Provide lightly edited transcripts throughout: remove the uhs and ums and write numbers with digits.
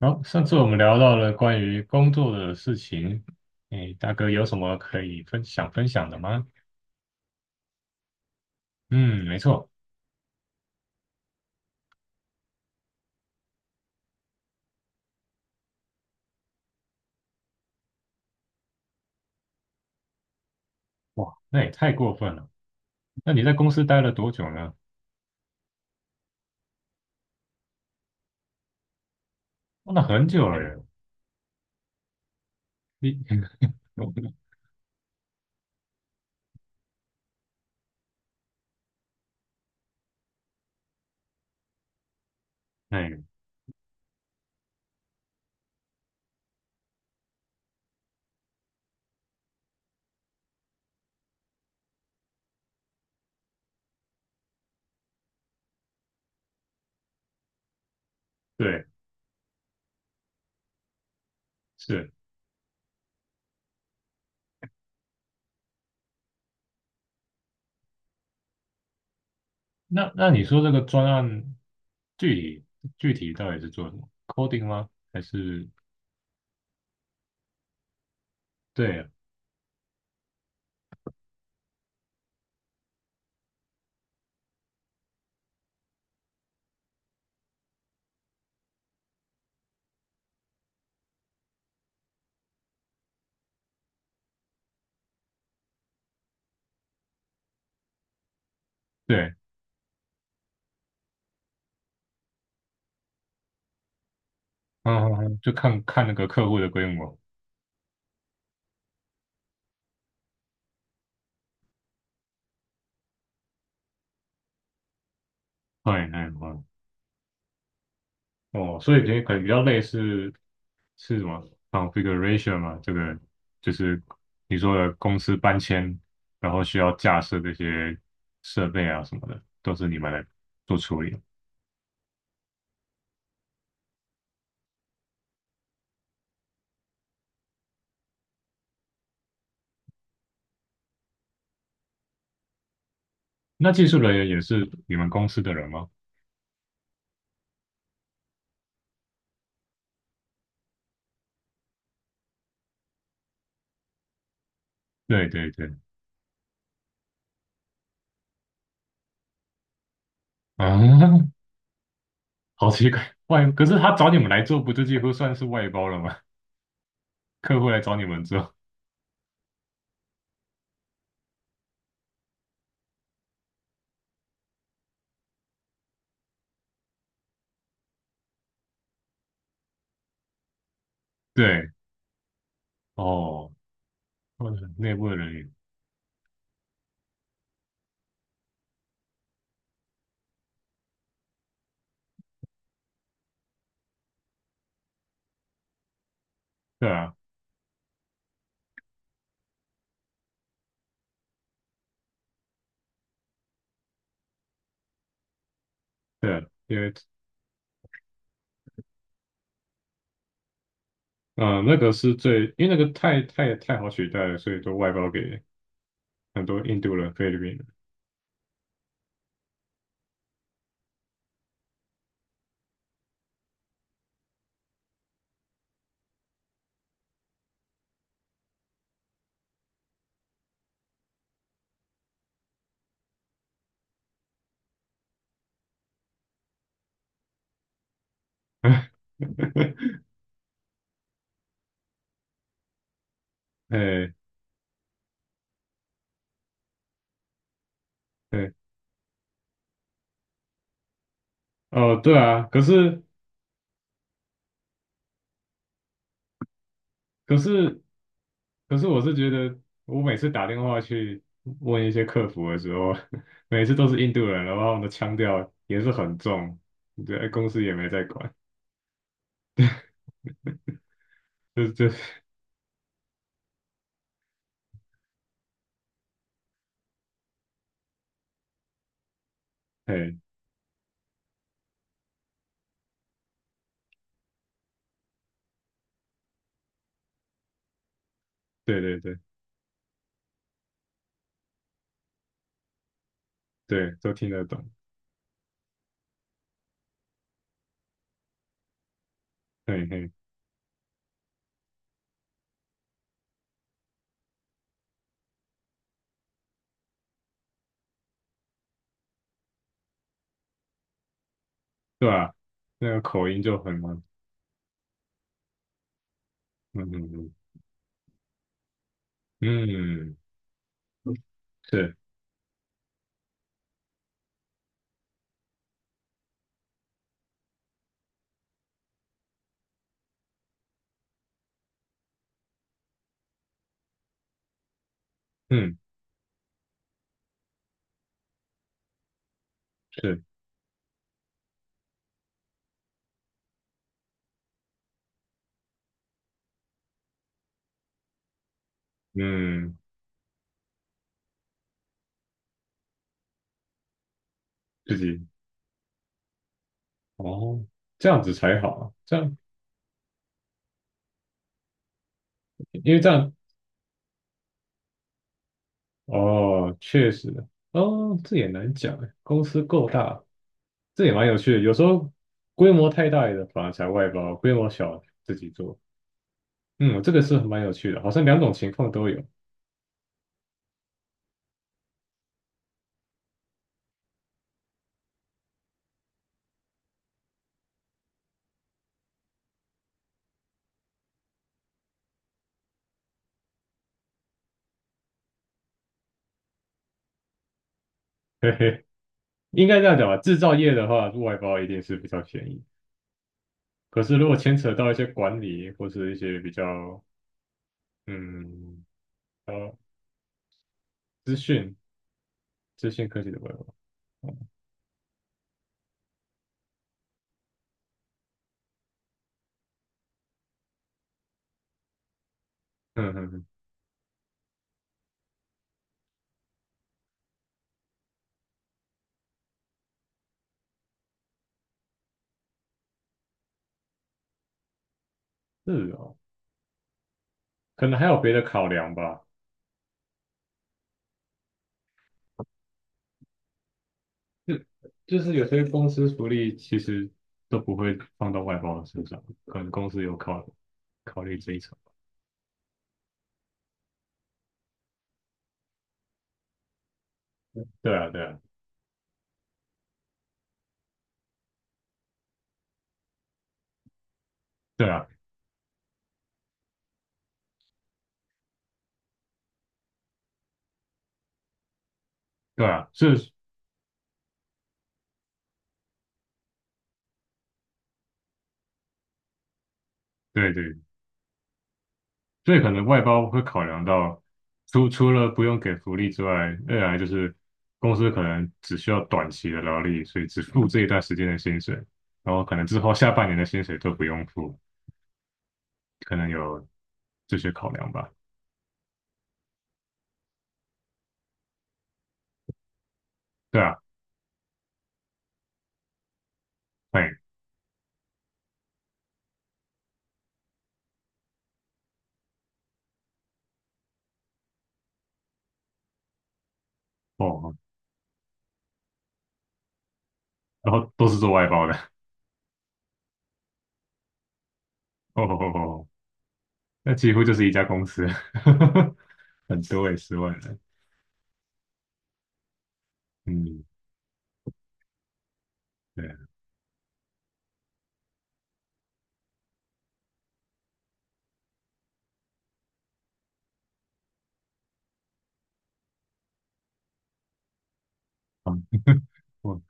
好，上次我们聊到了关于工作的事情，诶，大哥有什么可以分享分享的吗？嗯，没错。哇，那也太过分了。那你在公司待了多久呢？哦，那很久了耶。你，哎，对，是。那你说这个专案具体具体到底是做什么？coding 吗？还是。对啊，对。嗯嗯嗯，就看看那个客户的规模。哎哎哦，哦，所以可能比较类似是什么 configuration 嘛？这个就是你说的公司搬迁，然后需要架设这些设备啊什么的，都是你们来做处理。那技术人员也是你们公司的人吗？对对对。啊，好奇怪，可是他找你们来做，不就几乎算是外包了吗？客户来找你们做。对，哦，或者内部的人员。对啊，对啊，因为。嗯，那个是最。因为那个太太太好取代了，所以都外包给很多印度人、菲律宾人。哎，对，哦，对啊。可是可是，我是觉得我每次打电话去问一些客服的时候，每次都是印度人，然后他们的腔调也是很重。对，公司也没在管。就哎。对对对对，都听得懂。对嘿，对啊。那个口音就很嗯。嗯嗯嗯，是，嗯，是，嗯，自己，哦。这样子才好啊这样。因为这样。哦，确实。哦，这也难讲哎。公司够大。这也蛮有趣的。有时候规模太大的反而才外包，规模小自己做。嗯，这个是蛮有趣的，好像两种情况都有。嘿嘿，应该这样讲吧。制造业的话，外包一定是比较便宜。可是如果牵扯到一些管理或是一些比较嗯呃资讯资讯科技的外包。嗯嗯嗯，是哦，可能还有别的考量吧。就就是有些公司福利其实都不会放到外包的身上，可能公司有考虑这一层。对啊，对啊，对啊，对啊。对对，所以可能外包会考量到，除了不用给福利之外，二来就是公司可能只需要短期的劳力，所以只付这一段时间的薪水，然后可能之后下半年的薪水都不用付，可能有这些考量吧。对啊，哎，哦，然后都是做外包的。哦哦哦。哦，那几乎就是一家公司。很多诶，10万人。嗯，对啊。我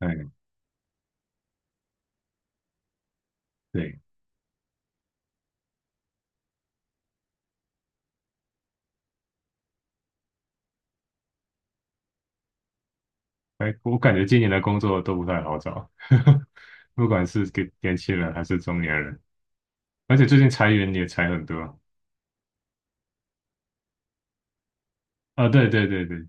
哎，对。哎，我感觉今年的工作都不太好找，不管是给年轻人还是中年人，而且最近裁员也裁很多。啊，对对对对，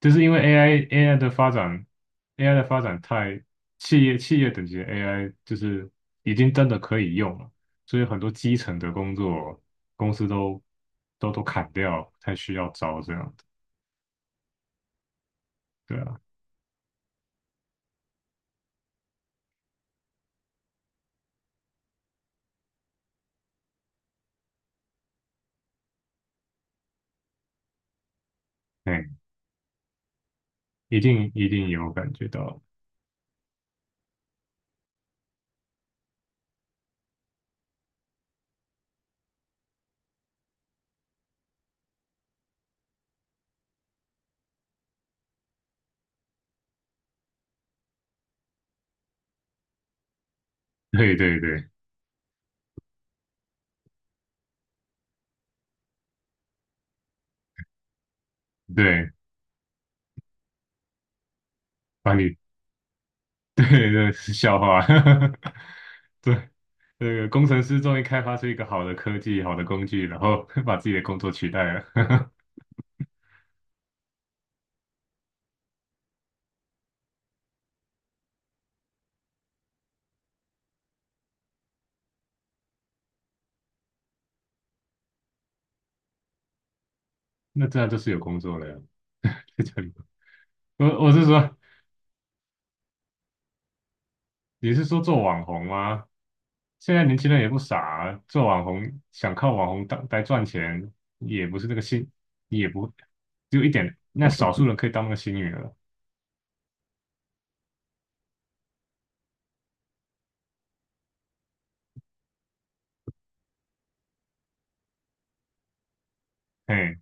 就是因为 AI 的发展。AI 的发展太。企业等级的 AI 就是已经真的可以用了，所以很多基层的工作公司都砍掉，不太需要招这样。对啊，哎，一定一定有感觉到。对对对对，把你 对对是笑话。对，那个工程师终于开发出一个好的科技、好的工具，然后 把自己的工作取代了。那这样就是有工作了呀。在这里。我是说，你是说做网红吗？现在年轻人也不傻啊做网红想靠网红当来赚钱。也不是那个幸，也不只有一点，那少数人可以当那个幸运儿。哎。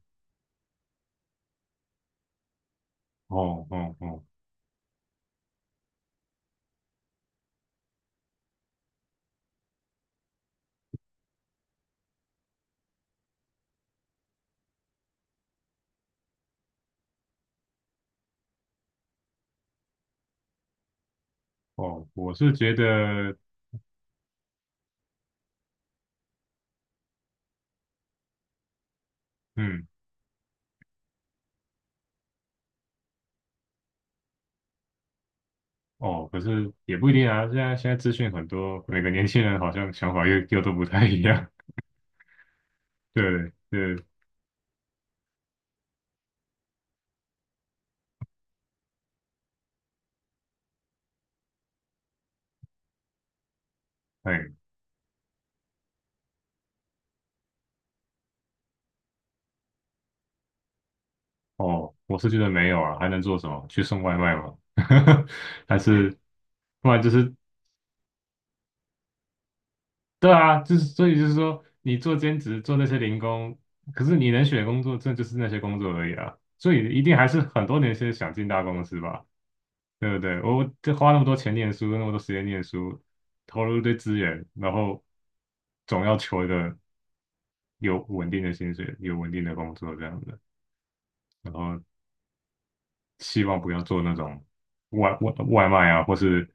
哦哦哦哦，我是觉得。嗯，哦，可是也不一定啊。现在资讯很多，每个年轻人好像想法又都不太一样。对对，哎，哦，我是觉得没有啊，还能做什么？去送外卖吗？还是。不然就是。对啊，就是所以就是说，你做兼职做那些零工，可是你能选的工作，这就是那些工作而已啊。所以一定还是很多年轻人想进大公司吧。对不对？我这花那么多钱念书，那么多时间念书，投入一堆资源，然后总要求一个有稳定的薪水、有稳定的工作这样子，然后希望不要做那种外卖啊，或是。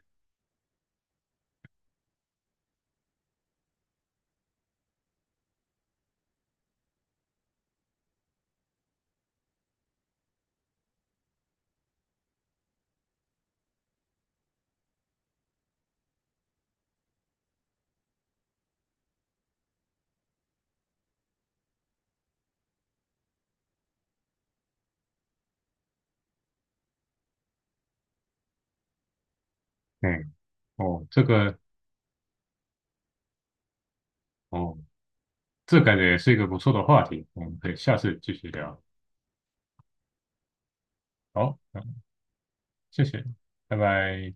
嗯哦，这个，哦，这感觉也是一个不错的话题，我们可以下次继续聊。好，嗯，谢谢，拜拜。